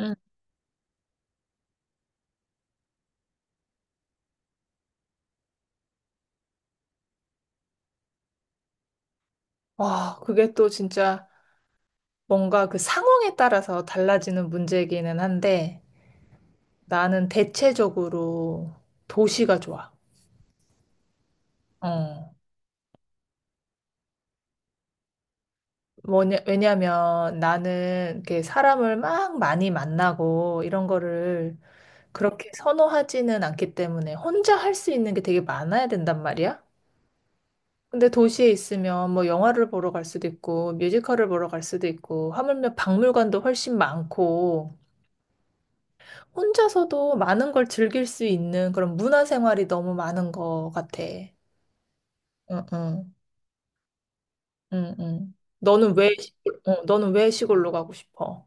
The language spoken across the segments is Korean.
음. 와, 그게 또 진짜 뭔가 그 상황에 따라서 달라지는 문제이기는 한데 나는 대체적으로 도시가 좋아. 어. 뭐냐, 왜냐면 나는 이렇게 사람을 막 많이 만나고 이런 거를 그렇게 선호하지는 않기 때문에 혼자 할 수 있는 게 되게 많아야 된단 말이야. 근데 도시에 있으면 뭐 영화를 보러 갈 수도 있고 뮤지컬을 보러 갈 수도 있고 하물며 박물관도 훨씬 많고 혼자서도 많은 걸 즐길 수 있는 그런 문화 생활이 너무 많은 것 같아. 응, 응, 응, 응. 너는 왜 시골로 가고 싶어?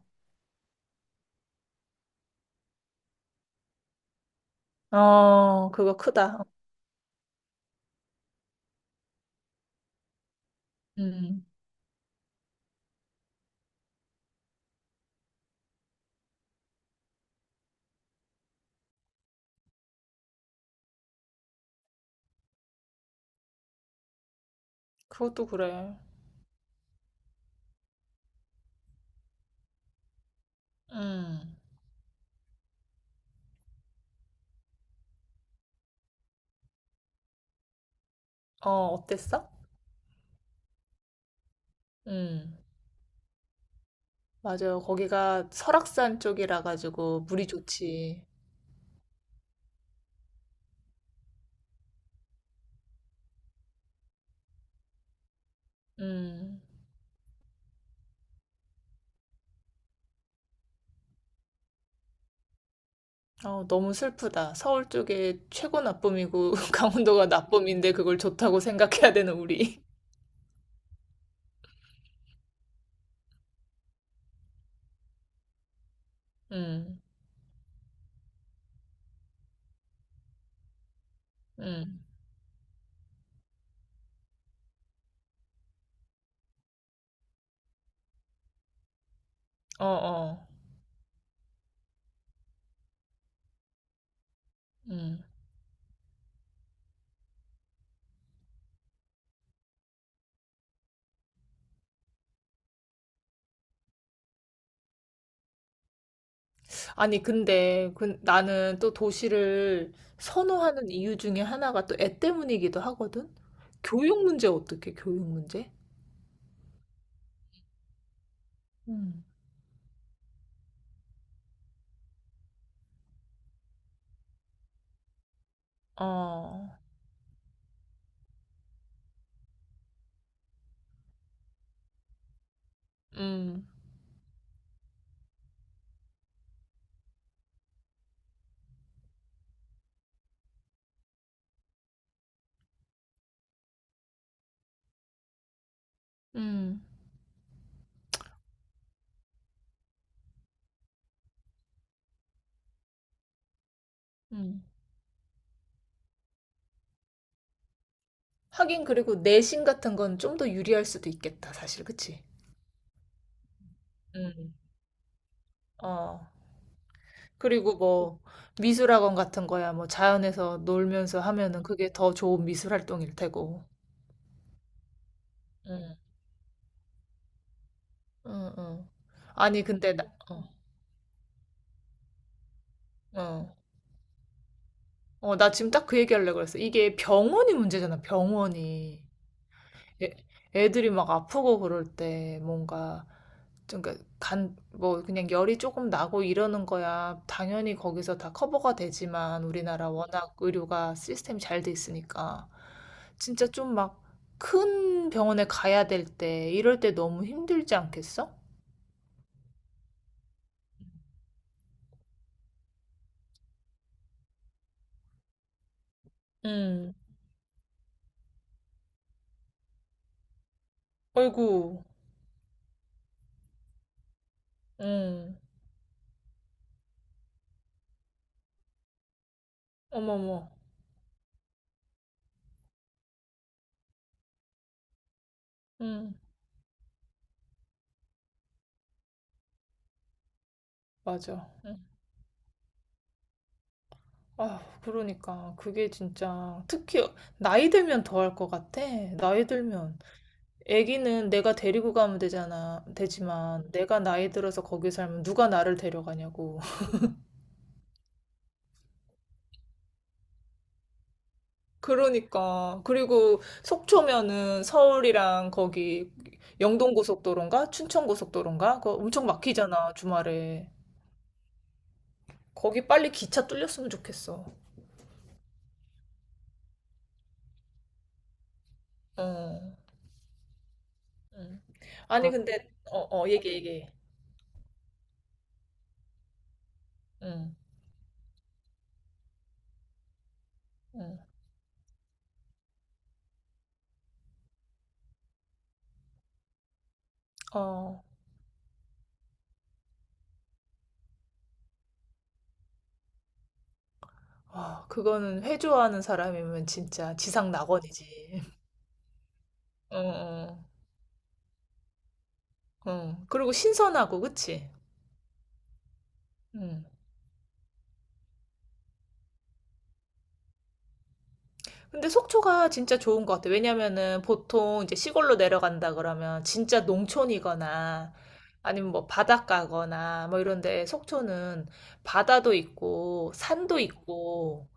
어, 그거 크다. 음, 그것도 그래. 음, 어, 어땠어? 음, 맞아요. 거기가 설악산 쪽이라 가지고 물이 좋지. 음, 어, 너무 슬프다. 서울 쪽에 최고 나쁨이고 강원도가 나쁨인데 그걸 좋다고 생각해야 되는 우리. 음, 음. 어, 어. 음. 아니, 근데 그, 나는 또 도시를 선호하는 이유 중에 하나가 또 애 때문이기도 하거든? 교육 문제? 음. 어, 음, 음, 음. 하긴, 그리고 내신 같은 건 좀 더 유리할 수도 있겠다, 사실, 그치? 음, 어. 그리고 뭐, 미술학원 같은 거야, 뭐, 자연에서 놀면서 하면은 그게 더 좋은 미술 활동일 테고. 응, 응, 응. 아니, 근데, 나, 어, 어. 어, 나 지금 딱 그 얘기하려고 그랬어. 이게 병원이 문제잖아, 병원이. 애, 애들이 막 아프고 그럴 때 뭔가, 좀 그러니까 뭐 그냥 열이 조금 나고 이러는 거야. 당연히 거기서 다 커버가 되지만 우리나라 워낙 의료가 시스템이 잘 돼 있으니까. 진짜 좀 막 큰 병원에 가야 될 때, 이럴 때 너무 힘들지 않겠어? 응. 어이구. 응. 어머머. 응. 맞아. 응. 아, 그러니까 그게 진짜 특히 나이 들면 더 할 것 같아. 나이 들면 아기는 내가 데리고 가면 되잖아. 되지만 내가 나이 들어서 거기 살면 누가 나를 데려가냐고. 그러니까 그리고 속초면은 서울이랑 거기 영동고속도로인가 춘천고속도로인가 그거 엄청 막히잖아 주말에. 거기 빨리 기차 뚫렸으면 좋겠어. 어. 음. 아니, 근데 얘기. 응. 응. 어. 아, 그거는 회 좋아하는 사람이면 진짜 지상 낙원이지. 어어. 어. 어. 그리고 신선하고 그치? 음. 근데 속초가 진짜 좋은 것 같아. 왜냐면은 보통 이제 시골로 내려간다 그러면 진짜 농촌이거나 아니면 뭐 바닷가거나 뭐 이런 데 속초는 바다도 있고 산도 있고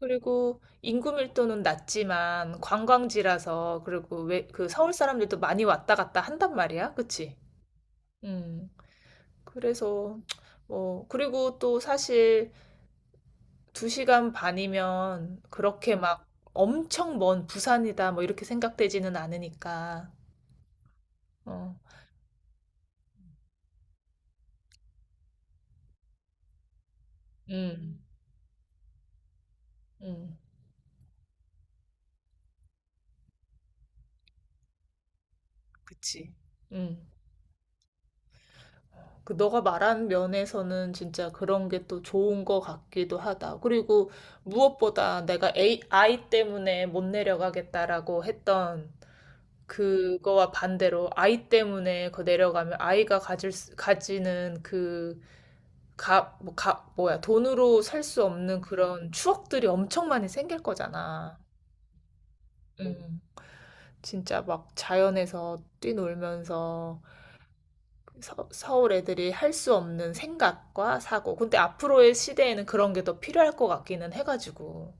그리고 인구 밀도는 낮지만 관광지라서 그리고 왜 그 서울 사람들도 많이 왔다 갔다 한단 말이야. 그치? 음. 그래서 뭐 그리고 또 사실 2시간 반이면 그렇게 막 엄청 먼 부산이다 뭐 이렇게 생각되지는 않으니까. 어. 응 음. 그치. 음. 그 너가 말한 면에서는 진짜 그런 게 또 좋은 거 같기도 하다. 그리고 무엇보다 내가 아이 때문에 못 내려가겠다라고 했던 그거와 반대로 아이 때문에 그 내려가면 아이가 가지는 그 값, 뭐, 값, 뭐야, 돈으로 살 수 없는 그런 추억들이 엄청 많이 생길 거잖아. 음. 진짜 막 자연에서 뛰놀면서 서울 애들이 할 수 없는 생각과 사고. 근데 앞으로의 시대에는 그런 게 더 필요할 것 같기는 해가지고.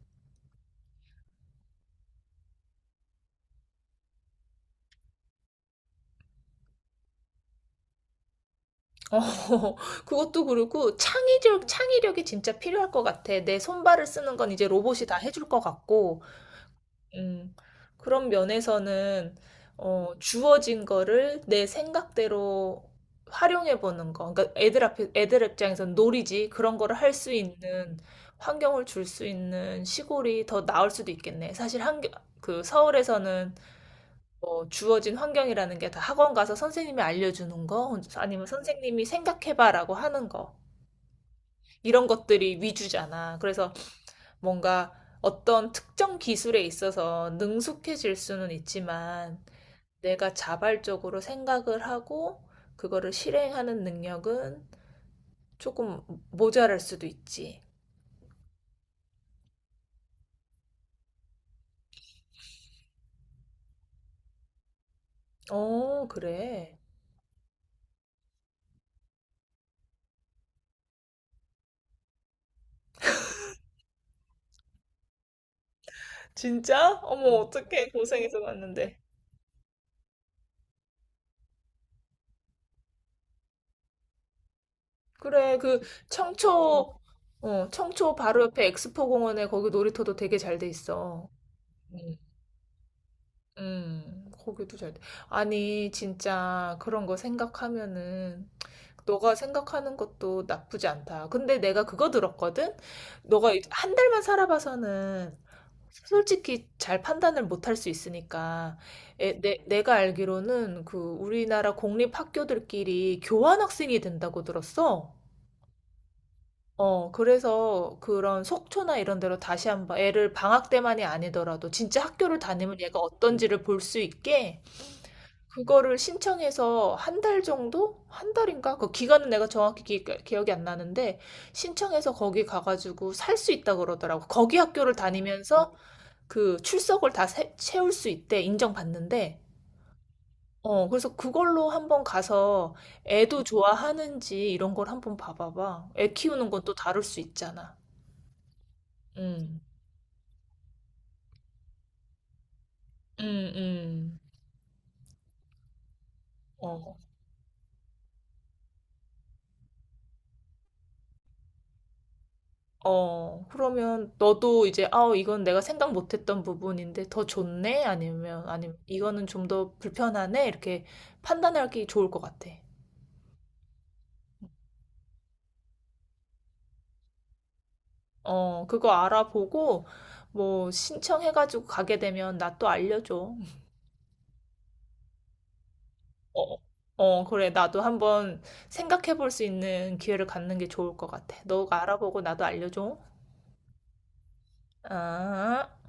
어, 그것도 그렇고 창의력, 창의력이 진짜 필요할 것 같아. 내 손발을 쓰는 건 이제 로봇이 다 해줄 것 같고, 음, 그런 면에서는 어, 주어진 거를 내 생각대로 활용해 보는 거. 그러니까 애들 앞에 애들 입장에서는 놀이지 그런 거를 할 수 있는 환경을 줄 수 있는 시골이 더 나을 수도 있겠네. 사실 한그 서울에서는 뭐 주어진 환경이라는 게 다 학원 가서 선생님이 알려주는 거 아니면 선생님이 생각해봐라고 하는 거 이런 것들이 위주잖아. 그래서 뭔가 어떤 특정 기술에 있어서 능숙해질 수는 있지만 내가 자발적으로 생각을 하고 그거를 실행하는 능력은 조금 모자랄 수도 있지. 어, 그래. 진짜? 어머, 어떡해. 고생해서 갔는데. 그래, 그 청초, 청초 바로 옆에 엑스포 공원에 거기 놀이터도 되게 잘 돼 있어. 고기도 잘 돼. 아니, 진짜 그런 거 생각하면은 너가 생각하는 것도 나쁘지 않다. 근데 내가 그거 들었거든? 너가 한 달만 살아봐서는 솔직히 잘 판단을 못할 수 있으니까. 내가 알기로는 그 우리나라 공립학교들끼리 교환학생이 된다고 들었어. 어, 그래서 그런 속초나 이런 데로 다시 한번 애를 방학 때만이 아니더라도 진짜 학교를 다니면 얘가 어떤지를 볼 수 있게 그거를 신청해서 한 달 정도? 한 달인가? 그 기간은 내가 정확히 기억이 안 나는데 신청해서 거기 가가지고 살 수 있다 그러더라고. 거기 학교를 다니면서 그 출석을 다 채울 수 있대 인정받는데. 어, 그래서 그걸로 한번 가서 애도 좋아하는지 이런 걸 한번 봐봐봐. 애 키우는 건 또 다를 수 있잖아. 음, 음, 음. 어, 그러면 너도 이제, 아, 이건 내가 생각 못했던 부분인데 더 좋네? 아니면, 아니면, 이거는 좀 더 불편하네? 이렇게 판단하기 좋을 것 같아. 어, 그거 알아보고, 뭐, 신청해가지고 가게 되면 나 또 알려줘. 어, 어, 그래. 나도 한번 생각해 볼 수 있는 기회를 갖는 게 좋을 것 같아. 너가 알아보고 나도 알려줘. 아.